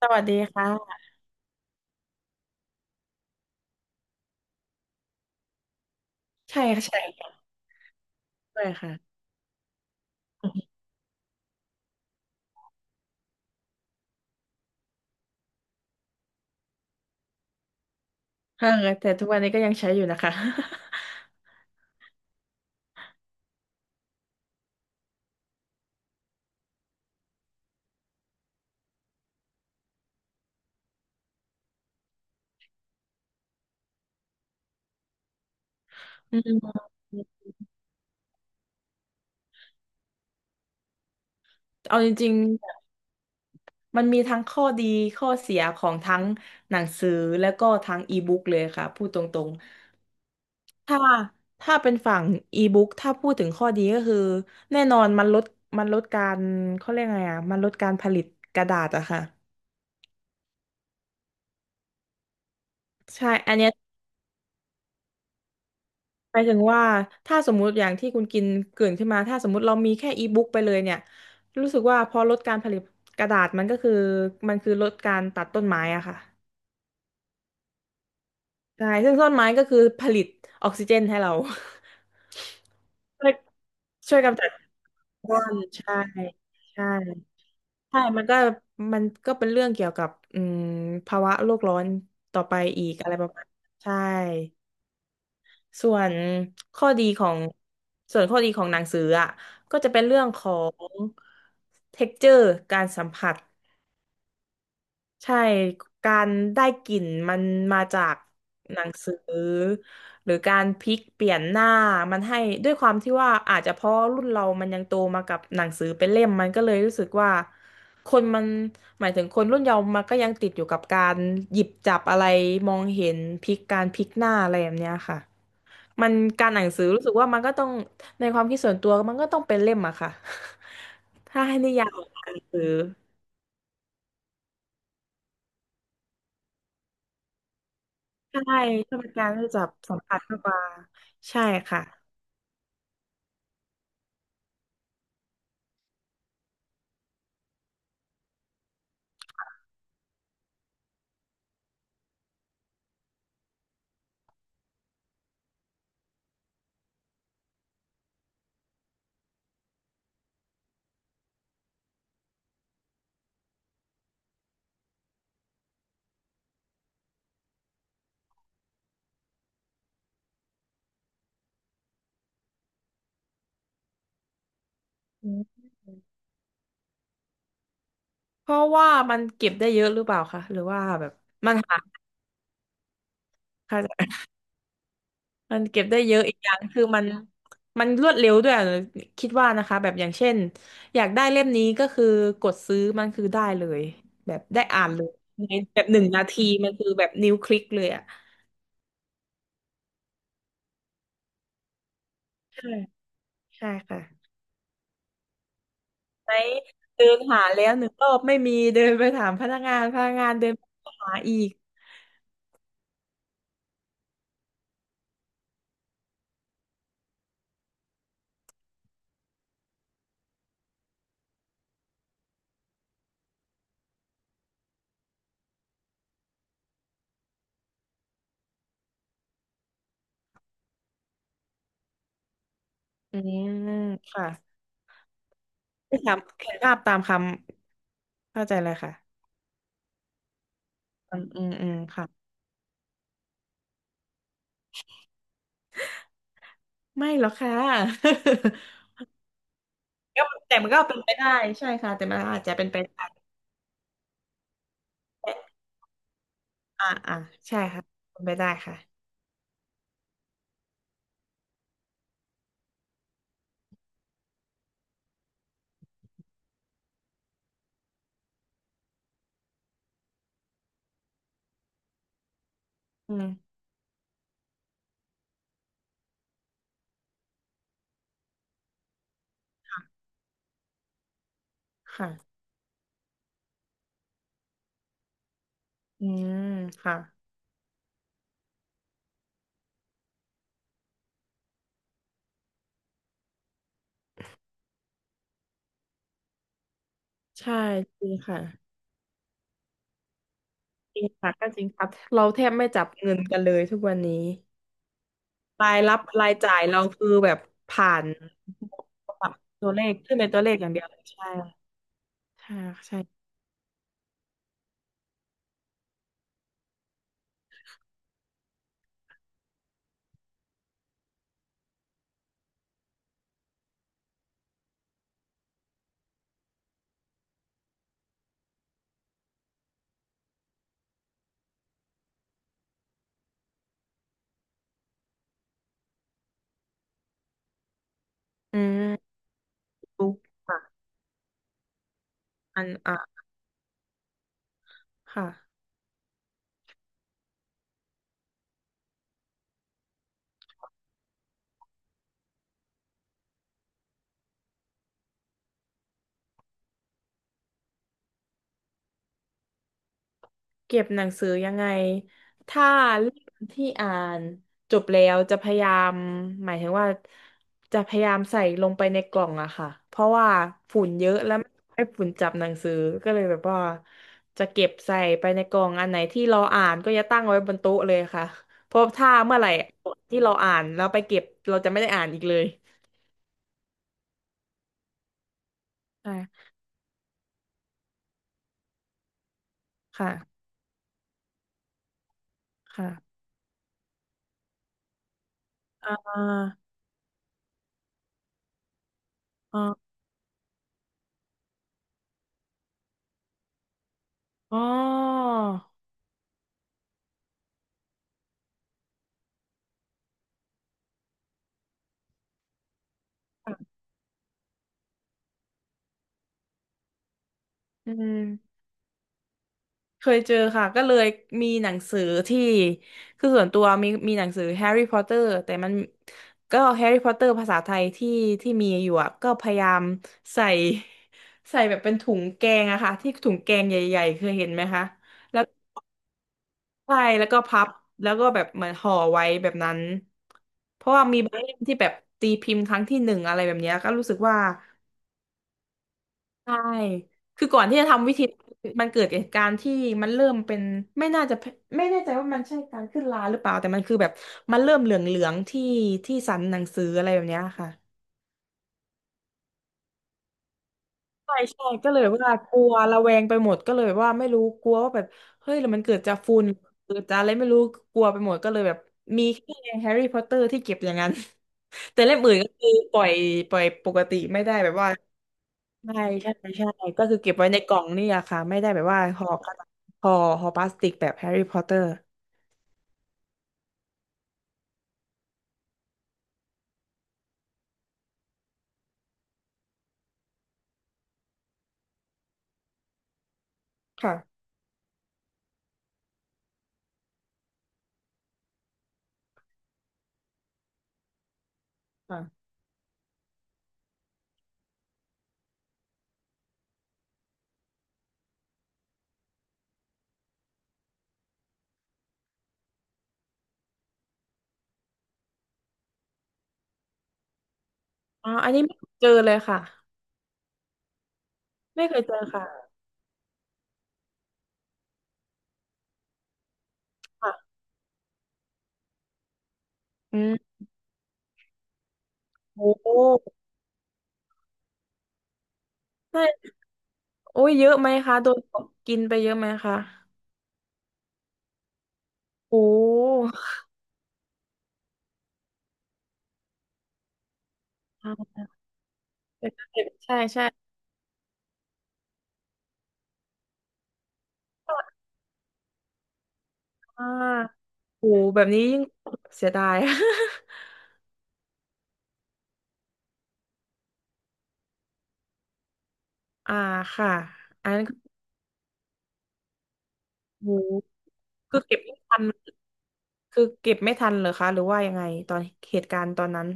สวัสดีค่ะใช่ค่ะใช่ด้วยค่ะเออแต่ทุกวันนี้ก็ยังใช้อยู่นะคะ อืมเอาจริงๆมันมีทั้งข้อดีข้อเสียของทั้งหนังสือแล้วก็ทั้งอีบุ๊กเลยค่ะพูดตรงๆถ้าเป็นฝั่งอีบุ๊กถ้าพูดถึงข้อดีก็คือแน่นอนมันลดการเขาเรียกไงอ่ะมันลดการผลิตกระดาษอะค่ะใช่อันเนี้ย หมายถึงว่าถ้าสมมุติอย่างที่คุณกินเกริ่นขึ้นมาถ้าสมมุติเรามีแค่อีบุ๊กไปเลยเนี่ยรู้สึกว่าพอลดการผลิตกระดาษมันก็คือมันคือลดการตัดต้นไม้อะค่ะใช่ซึ่งต้นไม้ก็คือผลิตออกซิเจนให้เรา ช่วยช่วยกำจัดคาร์บอนใช่ใช่ใช่มันก็เป็นเรื่องเกี่ยวกับภาวะโลกร้อนต่อไปอีกอะไรประมาณใช่ ส่วนข้อดีของส่วนข้อดีของหนังสืออ่ะก็จะเป็นเรื่องของ texture การสัมผัสใช่การได้กลิ่นมันมาจากหนังสือหรือการพลิกเปลี่ยนหน้ามันให้ด้วยความที่ว่าอาจจะเพราะรุ่นเรามันยังโตมากับหนังสือเป็นเล่มมันก็เลยรู้สึกว่าคนมันหมายถึงคนรุ่นเยาว์มันก็ยังติดอยู่กับการหยิบจับอะไรมองเห็นพลิกการพลิกหน้าอะไรแบบเนี้ยค่ะ มันการอ่านหนังสือรู้สึกว่ามันก็ต้องในความคิดส่วนตัวมันก็ต้องเป็นเล่มอะค่ะ ถ้าให้นิยามออ่านหนังสือใช่ถ้าเป็นการที่จะสัมผัสมากกว่าใช่ค่ะอืมเพราะว่ามันเก็บได้เยอะหรือเปล่าคะหรือว่าแบบมันหาค่ะมันเก็บได้เยอะอีกอย่างคือมันรวดเร็วด้วยอะคิดว่านะคะแบบอย่างเช่นอยากได้เล่มนี้ก็คือกดซื้อมันคือได้เลยแบบได้อ่านเลยในแบบหนึ่งนาทีมันคือแบบนิ้วคลิกเลยอะใช่ใช่ค่ะ ไหมเดินหาแล้วหนึ่งรอบไม่มีเดินไปถามพนักงานพนักงานเดินไปหาอีกอืมค่ะไปถามเขียนภาพตามคำเข้าใจเลยค่ะอืมอืมอืมค่ะไม่หรอกค่ะ ก็แต่มันก็เป็นไปได้ใช่ค่ะแต่มันอาจจะเป็นไปได้อ่าอ่าใช่ค่ะเป็นไปได้ค่ะอืมค่ะอืมค่ะใช่จริงค่ะจริงค่ะก็จริงค่ะเราแทบไม่จับเงินกันเลยทุกวันนี้ รายรับรายจ่ายเราคือแบบผ่านปรับตัวเลขขึ้นเป็นตัวเลขอย่างเดียวเลยใช่ใช่ค่ะใช่อืมรู้ค่ะอันอ่ะค่ะ เก็บหนังสือยังไงถ้าเล่มที่อ่านจบแล้วจะพยายามหมายถึงว่าจะพยายามใส่ลงไปในกล่องอะค่ะเพราะว่าฝุ่นเยอะแล้วไม่ให้ฝุ่นจับหนังสือก็เลยแบบว่าจะเก็บใส่ไปในกล่องอันไหนที่เราอ่านก็จะตั้งไว้บนโต๊ะเลยค่ะเพราะถ้าเมื่อไหร่ที่เราอ่านแล้วไปเก็บเราจะไม่ได้อ่านอีกเลยใช่ค่ะค่ะอ่าอ๋ออออืม เคยเจอค่ะก็เลยมีหนังสือที่คือส่วนตัวมีหนังสือแฮร์รี่พอตเตอร์แต่มันก็แฮร์รี่พอตเตอร์ภาษาไทยที่มีอยู่อะก็พยายามใส่ ใส่แบบเป็นถุงแกงอะค่ะที่ถุงแกงใหญ่ๆเคยเห็นไหมคะแล้วใช่แล้วก็พับแล้วก็แบบเหมือนห่อไว้แบบนั้นเพราะว่ามีบางเล่มที่แบบตีพิมพ์ครั้งที่หนึ่งอะไรแบบเนี้ยก็รู้สึกว่า ใช่คือก่อนที่จะทำวิธีมันเกิดเหตุการณ์ที่มันเริ่มเป็นไม่น่าจะไม่แน่ใจว่ามันใช่การขึ้นราหรือเปล่าแต่มันคือแบบมันเริ่มเหลืองๆที่สันหนังสืออะไรแบบเนี้ยค่ะใช่ใช่ก็เลยว่ากลัวระแวงไปหมดก็เลยว่าไม่รู้กลัวว่าแบบเฮ้ยแล้วมันเกิดจากฝุ่นเกิดจากอะไรไม่รู้กลัวไปหมดก็เลยแบบมีแค่แฮร์รี่พอตเตอร์ที่เก็บอย่างนั้น แต่เล่มอื่นก็คือปล่อยปล่อยปกติไม่ได้แบบว่า ใช่ใช่ใช่ก็คือเก็บไว้ในกล่องนี่อะค่ะไม่ได้แบบว่าห่อกระดาษห่อห่อพลาสติกแบบแฮร์รี่พอตเตอร์ค่ะค่ะอ๋ออันนี้ไม่เคยเจอเลยค่ะไม่เคยเจอค่ะค่ะอืมโอ้โหใช่โอ้ยเยอะไหมคะโดนกินไปเยอะไหมคะโอ้อ่าใช่ใช่อ่าโอ้โหแบบนี้ยิ่งเสียดาย อ่าค่ะอันนั้นคือโอ้โหคือเก็บไม่ทันคือเก็บไม่ทันเหรอคะหรือว่ายังไงตอนเหตุการณ์ตอนนั้น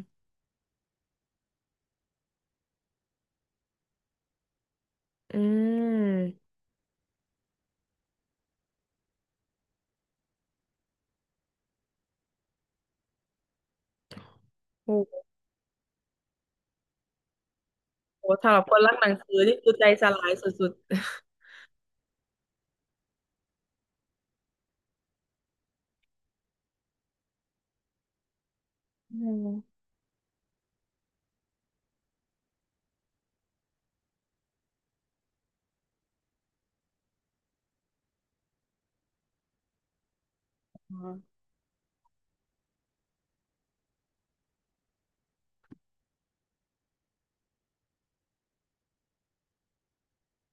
อืมโอ้โหสำหรับคนรักหนังสือนี่คือใจสลายสุดๆอืมอ๋อ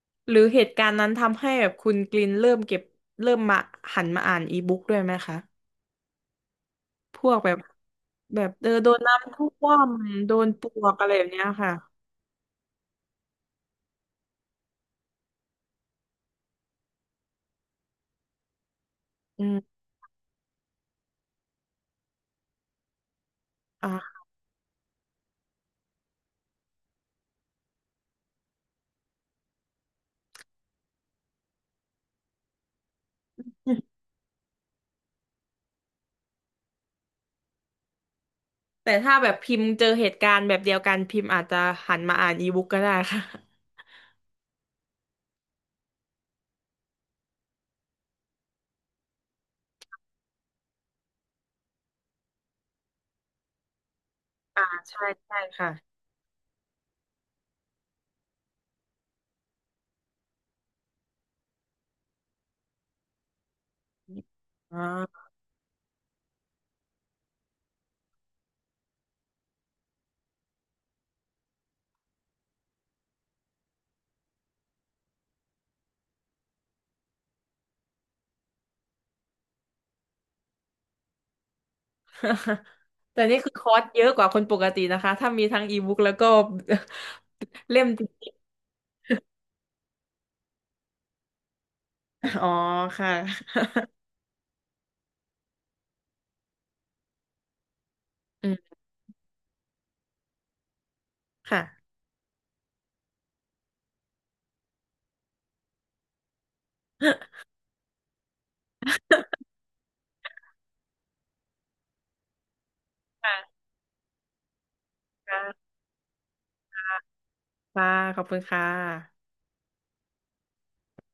ๆหรือเหตุการณ์นั้นทำให้แบบคุณกลินเริ่มเก็บเริ่มมาหันมาอ่านอีบุ๊กด้วยไหมคะพวกแบบแบบเออโดนน้ำท่วมโดนปลวกอะไรแบบเนี้ยค่ะอืมอ่ะแต่ถ้าแบบพิมพ์เจอเหตุการณ์แบบเดียวกันพิมพ์อาจจะหันมาอ่านอีบุ๊กก็ได้ค่ะอ่าใช่ใช่ค่ะอ๋อ แต่นี่คือคอร์สเยอะกว่าคนปกตินะคะถ้ามีทั้งอีบุ๊กแล้วก็ เล่มจริงๆอ๋อค่ะ อืมค่ะ ค่ะค่ะค่ะขอบคุณค่ะ